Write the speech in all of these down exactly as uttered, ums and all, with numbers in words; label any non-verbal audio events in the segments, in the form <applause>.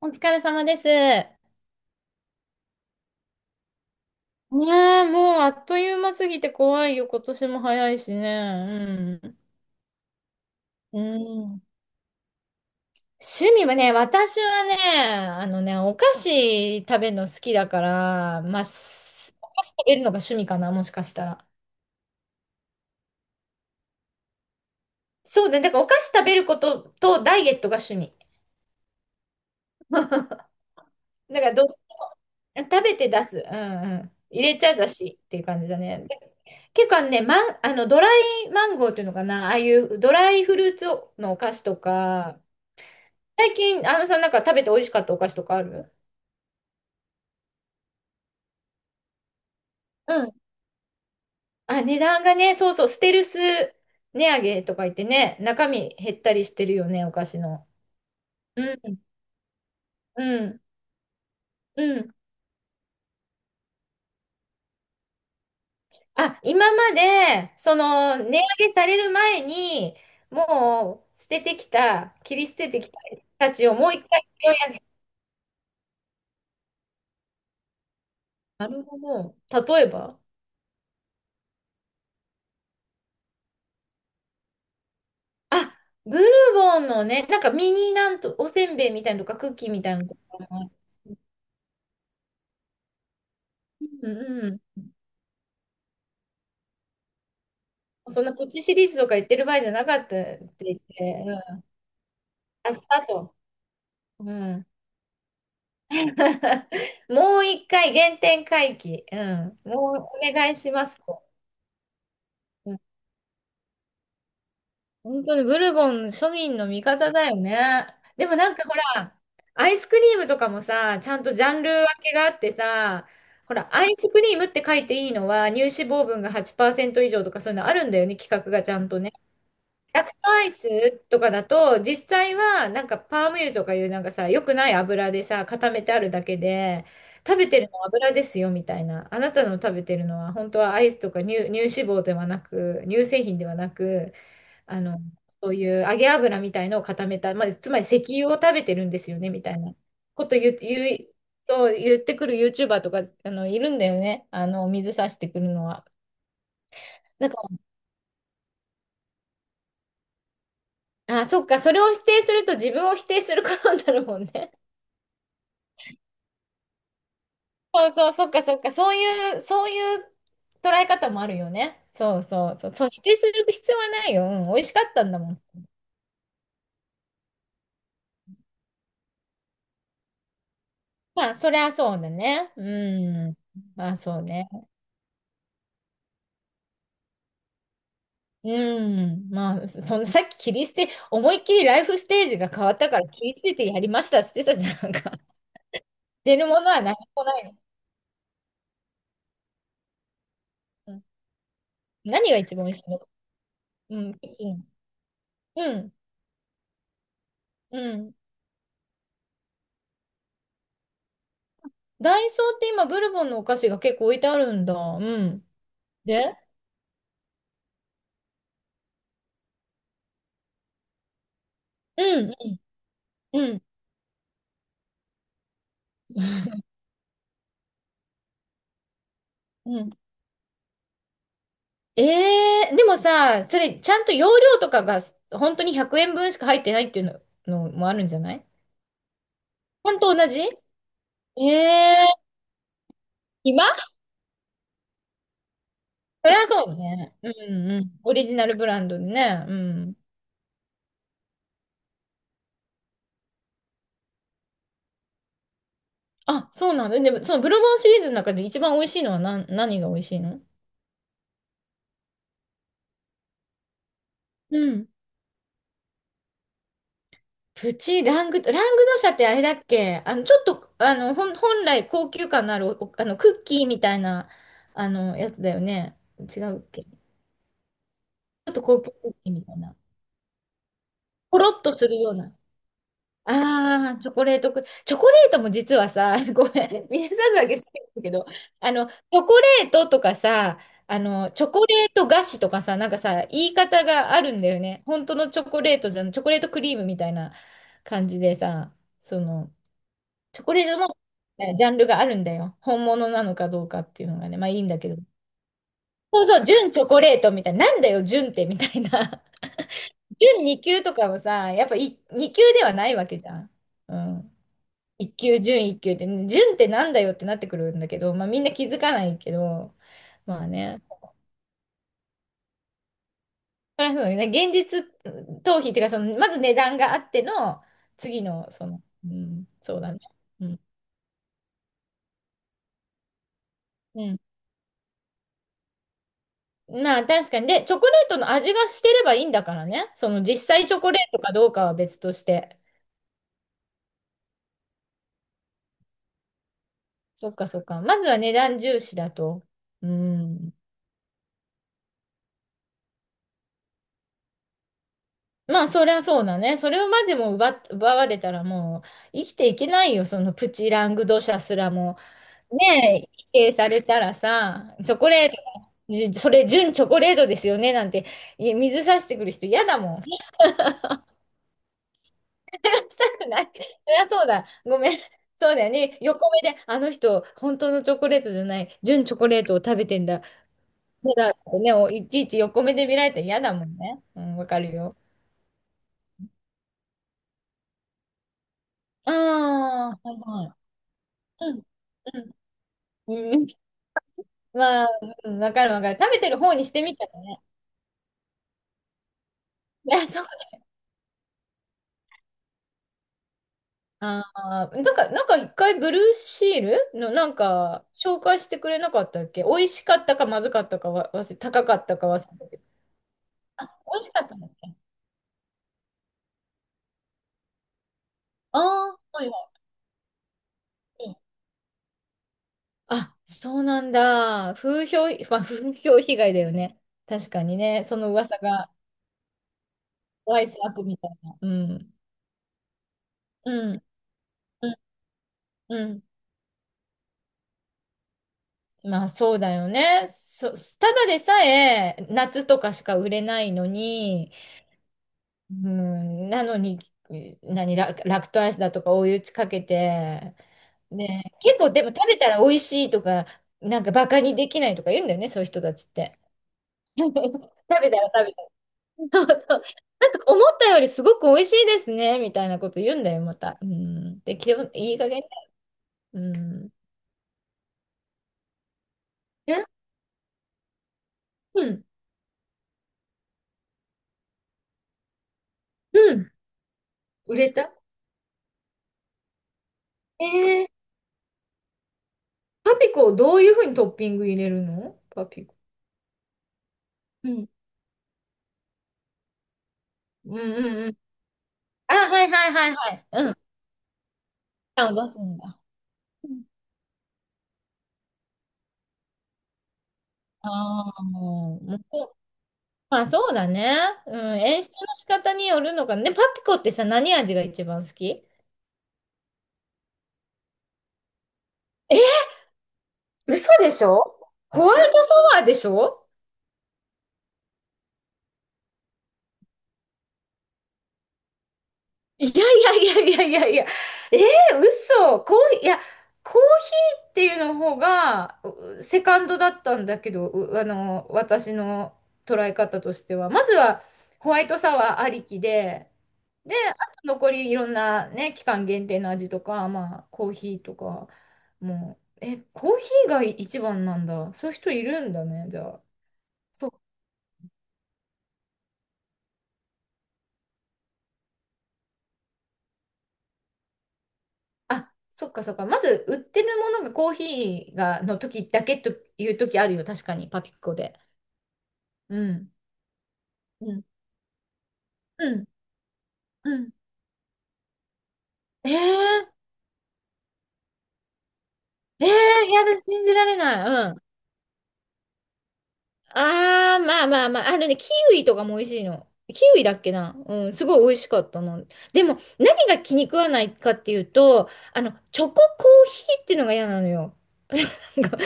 お疲れ様です。ねえ、もうあっという間すぎて怖いよ。今年も早いしね。うん。うん。趣味はね、私はね、あのね、お菓子食べるの好きだから、まあ、すお菓子食べるのが趣味かな、もしかしたら。そうだね、だからお菓子食べることとダイエットが趣味。だからど、食べて出す。うんうん。入れちゃだしっていう感じだね。で、結構ね、マン、あの、ドライマンゴーっていうのかな、ああいうドライフルーツのお菓子とか。最近、あのさん、なんか食べて美味しかったお菓子とかある？うん。あ、値段がね、そうそう、ステルス値上げとか言ってね、中身減ったりしてるよね、お菓子の。うん、うん、うん。あ、今まで、その、値上げされる前に、もう、捨ててきた、切り捨ててきたたちをもう一回拾い上げ。なるほど。例えば？あ、ブルボンのね、なんかミニなんと、おせんべいみたいなのとか、クッキーみたいなのとか。うんうん。そんなポチシリーズとか言ってる場合じゃなかったって言って、うん、あ、スタート。うん。<laughs> もう一回原点回帰。うん。もうお願いしますと。うん。本当にブルボン庶民の味方だよね。でもなんかほら、アイスクリームとかもさ、ちゃんとジャンル分けがあってさ、ほら、アイスクリームって書いていいのは乳脂肪分がはちパーセント以上とかそういうのあるんだよね、規格がちゃんとね。ラクトアイスとかだと、実際はなんかパーム油とかいうなんかさ、良くない油でさ、固めてあるだけで、食べてるのは油ですよみたいな。あなたの食べてるのは本当はアイスとか乳、乳脂肪ではなく、乳製品ではなく、あの、そういう揚げ油みたいのを固めた、まあ、つまり石油を食べてるんですよねみたいなこと言う、言う、そう言ってくる YouTuber とか、あの、いるんだよね。あの、水差してくるのは。だから、あ、そっか、それを否定すると自分を否定することになるもんね。そうそう、そっかそっか、そういう、そういう捉え方もあるよね。そうそうそう、そう、否定する必要はないよ。うん、美味しかったんだもん。まあ、そりゃそうだね。うん。まあ、そうね。うん。まあ、そのさっき切り捨て、思いっきりライフステージが変わったから切り捨ててやりましたって言ってたじゃんなんか。<laughs> 出るものは何もないの。うん、何が一番美味しいの？うん、北京、うん、うん。ダイソーって今、ブルボンのお菓子が結構置いてあるんだ。うん。で、うん、うん。うんうん、ええ、でもさ、それ、ちゃんと容量とかが、本当にひゃくえんぶんしか入ってないっていうの、のもあるんじゃない？ちゃんと同じ、ええ、今、それはそうね。うんうん。オリジナルブランドでね。うん。あ、そうなんだ。でも、そのブルボンシリーズの中で一番美味しいのは何、何が美味しいの？うん。プチラングド、ラングドシャってあれだっけ、あの、ちょっと、あの、ほん、本来高級感のあるお、あの、クッキーみたいな、あの、やつだよね。違うっけ、ちょっと高級クッキーみたいな。ポロッとするような。ああ、チョコレートク、チョコレートも実はさ、<laughs> ごめん、皆さんだけ好きなんだけど、あの、チョコレートとかさ、あの、チョコレート菓子とかさ、なんかさ、言い方があるんだよね。本当のチョコレートじゃん、チョコレートクリームみたいな感じでさ、その、チョコレートも、えジャンルがあるんだよ。本物なのかどうかっていうのがね、まあいいんだけど。そうそう、純チョコレートみたいな、なんだよ、純ってみたいな。準に級とかもさ、やっぱいに級ではないわけじゃん。うん。いっ級、準いっ級って、準ってなんだよってなってくるんだけど、まあみんな気づかないけど、まあね。そりゃそうだね。現実逃避っていうか、その、まず値段があっての、次の、その、うん、そうだね。うん。うん。まあ確かに。で、チョコレートの味がしてればいいんだからね。その実際チョコレートかどうかは別として。そっかそっか。まずは値段重視だと。うん。まあ、そりゃそうだね。それをまでも奪っ、奪われたらもう生きていけないよ。そのプチラングドシャすらも。ねえ、否定されたらさ、チョコレート、じゅそれ純チョコレートですよねなんて、い水さしてくる人嫌だもん。<laughs> したくない。そりゃそうだ。ごめん。そうだよね。横目で、あの人、本当のチョコレートじゃない、純チョコレートを食べてんだ。そうだってね、おいちいち横目で見られたら嫌だもんね。うん、わかるよ。ああ、はいはい。うん。うん。うん、まあ、うん、わかるわかる。食べてる方にしてみたらね。いや、そう。ああ、なんか、なんか一回ブルーシールのなんか紹介してくれなかったっけ？美味しかったかまずかったかわ、忘れ、高かったか忘れたけど。あ、美味しかったんだっけ？ああー、はいはい。うん、あ、そうなんだ。風評、<laughs> まあ、風評被害だよね。確かにね。その噂が、ワイス悪みたいな。うん。うん。うん。うん。まあそうだよね。そ、ただでさえ夏とかしか売れないのに、うん、なのに、何、ラ、ラクトアイスだとか追い打ちかけて、ね、結構でも食べたら美味しいとか、なんかバカにできないとか言うんだよね、そういう人たちって。<laughs> 食べたら食べたら。そうそう思ったよりすごく美味しいですね、みたいなこと言うんだよ、また。うん。で、きょ、いい加減ね。うん。え、うん。うん。売れた、えー、パピコをどういうふうにトッピング入れるのパピコ。うん。うんうんうん。あ、はいはいはいはい。うん。パンを出すんだ。うん、ああ、もう、もうこ、まあそうだね。うん。演出の仕方によるのかね。パピコってさ、何味が一番好き？え、嘘でしょ？ホワイトソワーでしょ？いやいやいやいやいやいや、えー、嘘、コーヒー、いや、コーヒーっていうの方が、うセカンドだったんだけど、う、あの、私の捉え方としては。まずは、ホワイトサワーありきで、で、あと残りいろんなね、期間限定の味とか、まあ、コーヒーとか、もう、え、コーヒーが一番なんだ。そういう人いるんだね、じゃあ。あ、そっかそっか。まず、売ってるものがコーヒーが、の時だけという時あるよ。確かに、パピコで。うん。うん。うん。うん。えー、えー、やだ、信じられない。うん。あー、まあまあまあ。あのね、キウイとかも美味しいの。キウイだっけな。うん、すごい美味しかったな。でも、何が気に食わないかっていうと、あの、チョココーヒーっていうのが嫌なのよ。<laughs> なんか、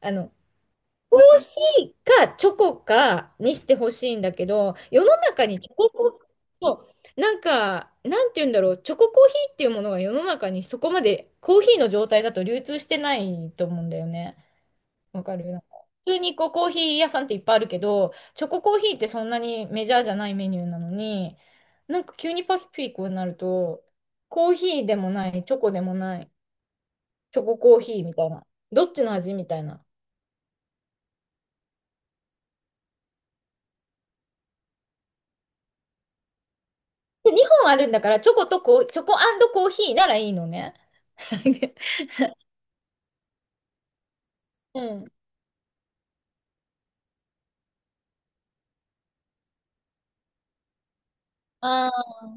あの、コーヒーかチョコかにしてほしいんだけど、世の中にチョココーヒー、そう、なんか、なんて言うんだろう、チョココーヒーっていうものが世の中にそこまでコーヒーの状態だと流通してないと思うんだよね。わかる。なんか普通にこうコーヒー屋さんっていっぱいあるけど、チョココーヒーってそんなにメジャーじゃないメニューなのに、なんか急にパピーコになると、コーヒーでもない、チョコでもない、チョココーヒーみたいな、どっちの味みたいな。で、にほんあるんだから、チョコとコー、チョココーヒーならいいのね。<laughs> うん。<laughs> ああ、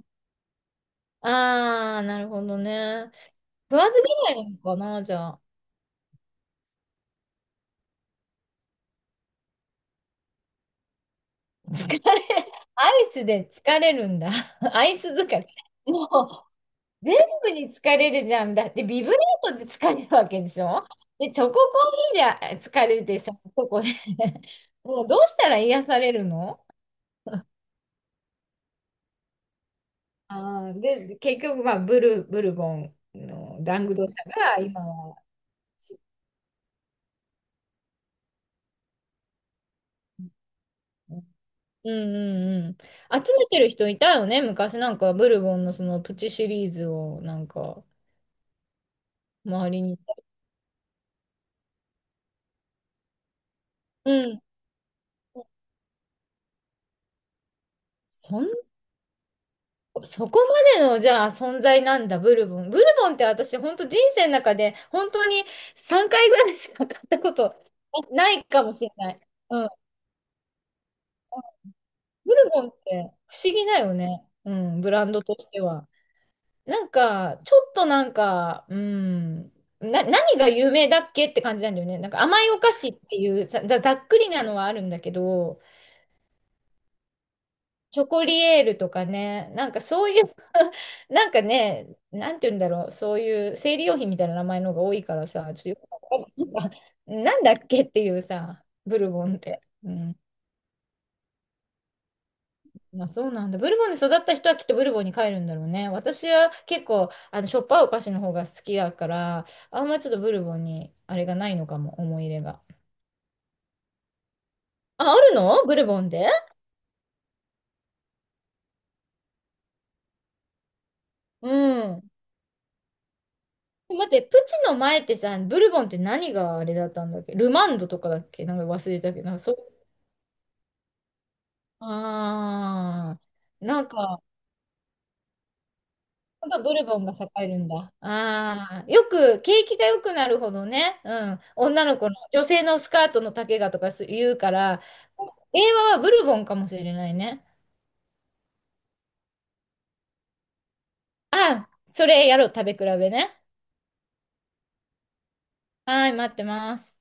ああ、なるほどね。食わず嫌いなのかな、じゃあ。疲れ、アイスで疲れるんだ。<laughs> アイス疲れ。もう、全部に疲れるじゃん。だって、ビブレートで疲れるわけでしょ。で、チョココーヒーで疲れてさ、ここで。 <laughs> もうどうしたら癒されるの。ああで、結局、まあ、ブル、ブルボンのダングド社が今は。うんうんうん。集めてる人いたよね。昔なんかブルボンのそのプチシリーズをなんか周りにいた。うん。そん、そこまでのじゃあ存在なんだ、ブルボン。ブルボンって私本当人生の中で本当にさんかいぐらいしか買ったことないかもしれない。うん。ブルボンって不思議だよね。うん。ブランドとしては。なんか、ちょっとなんか、うん、な、何が有名だっけって感じなんだよね。なんか甘いお菓子っていうざ、ざざっくりなのはあるんだけど、チョコリエールとかね、なんかそういう。 <laughs> なんかね、なんて言うんだろう、そういう生理用品みたいな名前の方が多いからさ、ちょっとよくわかんない。なんかなんだっけっていうさ、ブルボンって。うん。あ、そうなんだ。ブルボンで育った人はきっとブルボンに帰るんだろうね。私は結構、あの、しょっぱいお菓子の方が好きだから、あんまりちょっとブルボンに、あれがないのかも、思い入れが。あ、あるのブルボンで。うん。待って、プチの前ってさ、ブルボンって何があれだったんだっけ。ルマンドとかだっけ。なんか忘れたけど、なんかそう。ああ、なんか、本当ブルボンが栄えるんだ。ああ、よく、景気が良くなるほどね、うん、女の子の、女性のスカートの丈がとかす言うから、令和はブルボンかもしれないね。ああ、それやろう、食べ比べね。はい、待ってます。